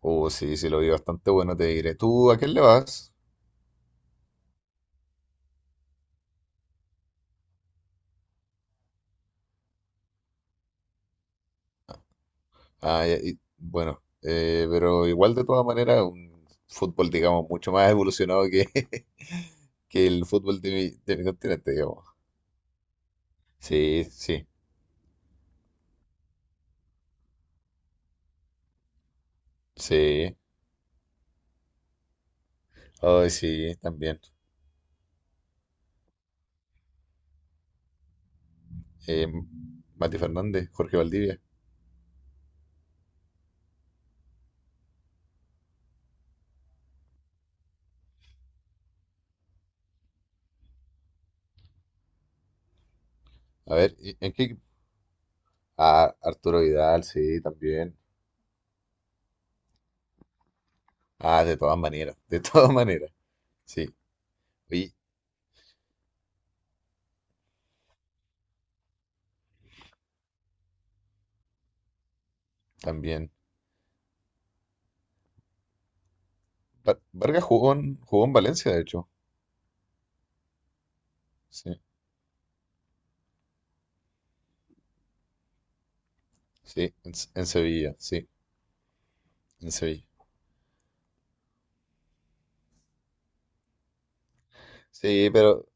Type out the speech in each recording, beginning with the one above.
Oh, sí, sí, lo vi bastante bueno, te diré. ¿Tú a quién le vas? Ah, ya, pero igual de todas maneras, un fútbol, digamos, mucho más evolucionado que, que el fútbol de mi continente, digamos. Sí, sí, sí. Ay, sí, también. Eh, Mati Fernández, Jorge Valdivia. A ver, ¿en qué equipo? Ah, Arturo Vidal, sí, también. Ah, de todas maneras, de todas maneras. Sí, y también. Vargas jugó jugó en Valencia, de hecho. Sí. Sí, en Sevilla, sí, en Sevilla. Sí,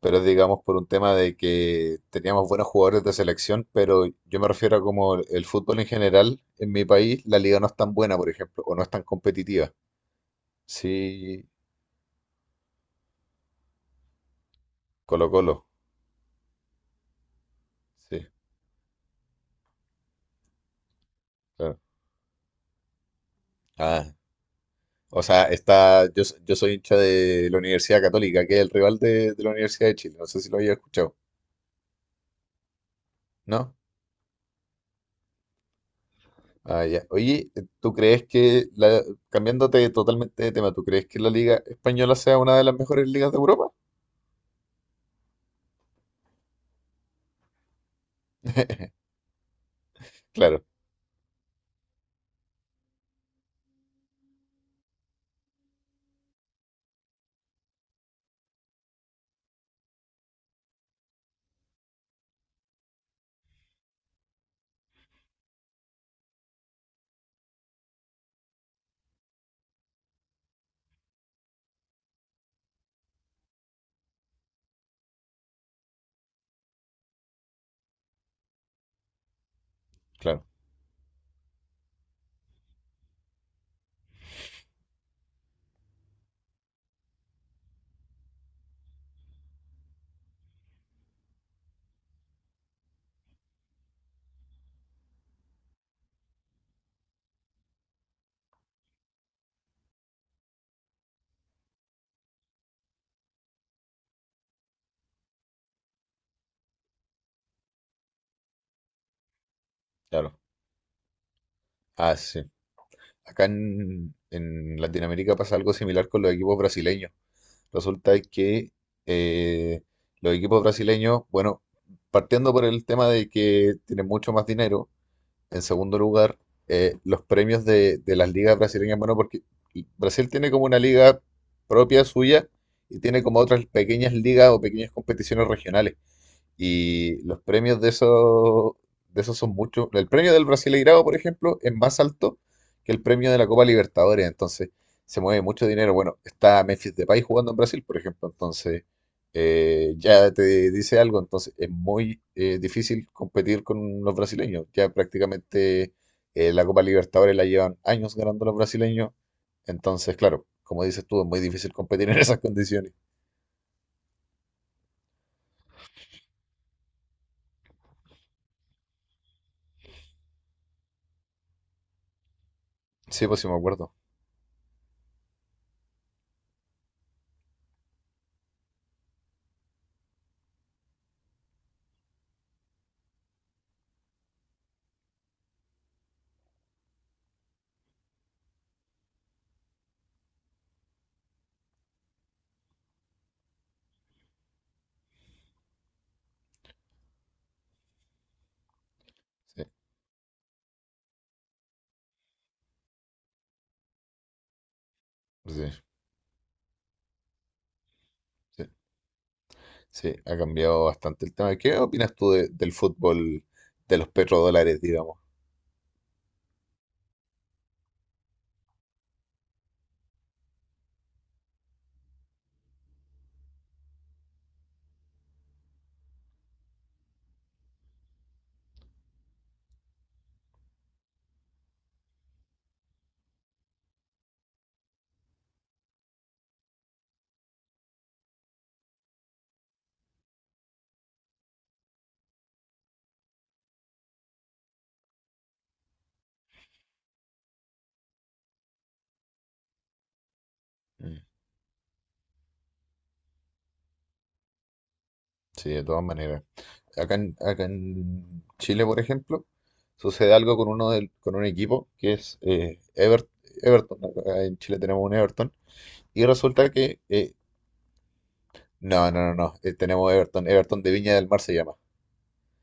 pero digamos por un tema de que teníamos buenos jugadores de selección, pero yo me refiero a como el fútbol en general, en mi país, la liga no es tan buena, por ejemplo, o no es tan competitiva. Sí, Colo-Colo, sí, claro. Ah, o sea, está, yo soy hincha de la Universidad Católica, que es el rival de la Universidad de Chile, no sé si lo había escuchado, ¿no? Ah, ya. Oye, ¿tú crees que, la, cambiándote totalmente de tema, ¿tú crees que la Liga Española sea una de las mejores ligas de Europa? Claro, claro, claro. Ah, sí. Acá en Latinoamérica pasa algo similar con los equipos brasileños. Resulta que eh, los equipos brasileños, bueno, partiendo por el tema de que tienen mucho más dinero. En segundo lugar, los premios de las ligas brasileñas, bueno, porque Brasil tiene como una liga propia suya y tiene como otras pequeñas ligas o pequeñas competiciones regionales. Y los premios de esos son muchos. El premio del Brasileirao, por ejemplo, es más alto que el premio de la Copa Libertadores. Entonces, se mueve mucho dinero. Bueno, está Memphis Depay jugando en Brasil, por ejemplo. Entonces, ya te dice algo. Entonces, es muy difícil competir con los brasileños. Ya prácticamente la Copa Libertadores la llevan años ganando los brasileños. Entonces, claro, como dices tú, es muy difícil competir en esas condiciones. Sí, pues sí, me acuerdo. Sí, sí, sí. Sí, ha cambiado bastante el tema. ¿Qué opinas tú del fútbol, de los petrodólares, digamos? Mm, sí, de todas maneras. Acá acá en Chile, por ejemplo, sucede algo con uno del, con un equipo que es Everton. Acá en Chile tenemos un Everton. Y resulta que... no, no, no, no. Tenemos Everton. Everton de Viña del Mar se llama.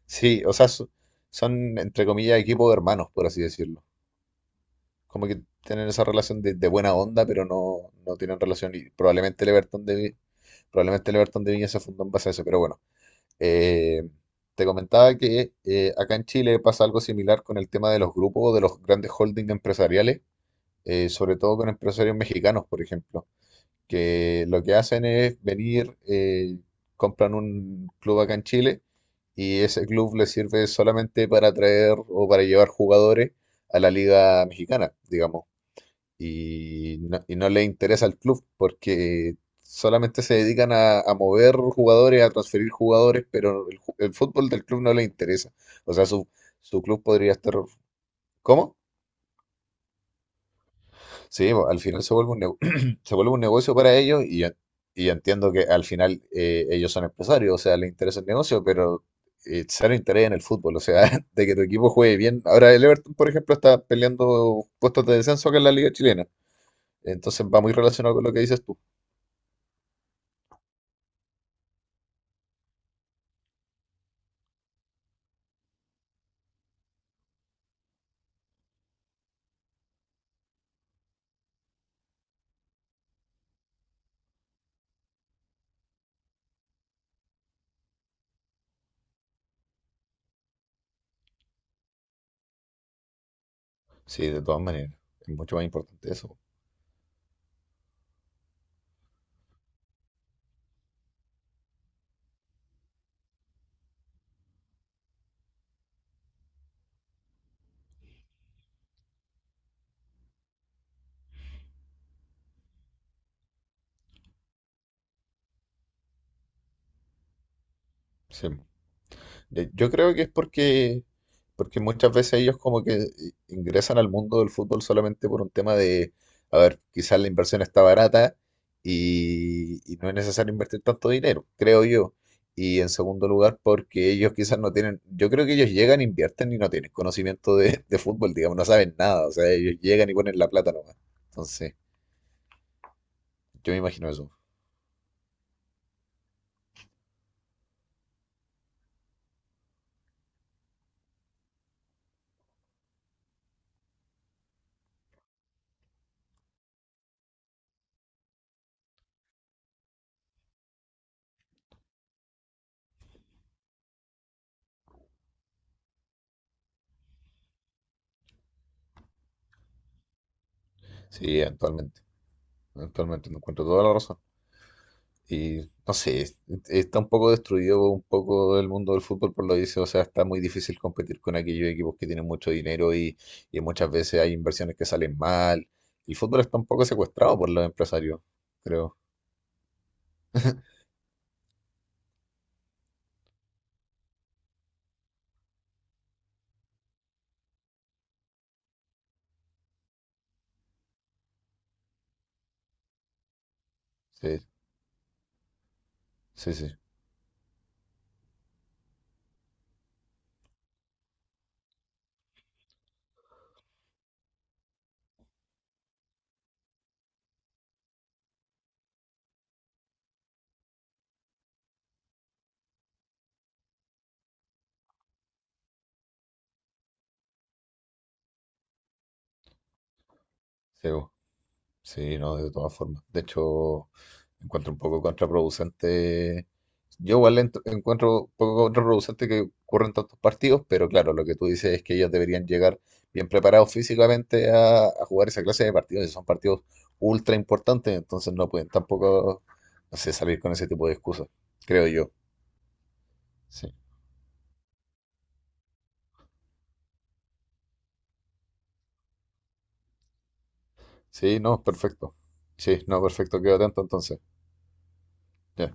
Sí, o sea, son, entre comillas, equipos hermanos, por así decirlo. Como que tienen esa relación de buena onda, pero no, no tienen relación. Y probablemente el Everton de, Vi- probablemente el Everton de Viña se fundó en base a eso. Pero bueno, eh, te comentaba que acá en Chile pasa algo similar con el tema de los grupos, de los grandes holdings empresariales, sobre todo con empresarios mexicanos, por ejemplo, que lo que hacen es venir, compran un club acá en Chile y ese club les sirve solamente para traer o para llevar jugadores a la liga mexicana, digamos, y no le interesa al club porque solamente se dedican a mover jugadores, a transferir jugadores, pero el fútbol del club no le interesa. O sea, su club podría estar... ¿Cómo? Sí, bo, al final se vuelve un se vuelve un negocio para ellos y ya entiendo que al final ellos son empresarios, o sea, les interesa el negocio, pero cero interés en el fútbol, o sea, de que tu equipo juegue bien. Ahora el Everton, por ejemplo, está peleando puestos de descenso acá en la Liga Chilena, entonces va muy relacionado con lo que dices tú. Sí, de todas maneras. Es mucho más importante eso. Sí. Yo creo que es porque, porque muchas veces ellos como que ingresan al mundo del fútbol solamente por un tema de, a ver, quizás la inversión está barata y no es necesario invertir tanto dinero, creo yo. Y en segundo lugar, porque ellos quizás no tienen, yo creo que ellos llegan, invierten y no tienen conocimiento de fútbol, digamos, no saben nada. O sea, ellos llegan y ponen la plata nomás. Entonces, yo me imagino eso. Sí, eventualmente. Eventualmente, me encuentro toda la razón. Y no sé, está un poco destruido un poco el mundo del fútbol por lo dice, o sea, está muy difícil competir con aquellos equipos que tienen mucho dinero y muchas veces hay inversiones que salen mal. El fútbol está un poco secuestrado por los empresarios, creo. Sí, sí, sí, sí. Sí, no, de todas formas. De hecho, encuentro un poco contraproducente. Yo igual encuentro un poco contraproducente que ocurran tantos partidos, pero claro, lo que tú dices es que ellos deberían llegar bien preparados físicamente a jugar esa clase de partidos. Y son partidos ultra importantes, entonces no pueden tampoco, no sé, salir con ese tipo de excusas, creo yo. Sí, sí, no, perfecto. Sí, no, perfecto, quedo atento entonces. Ya.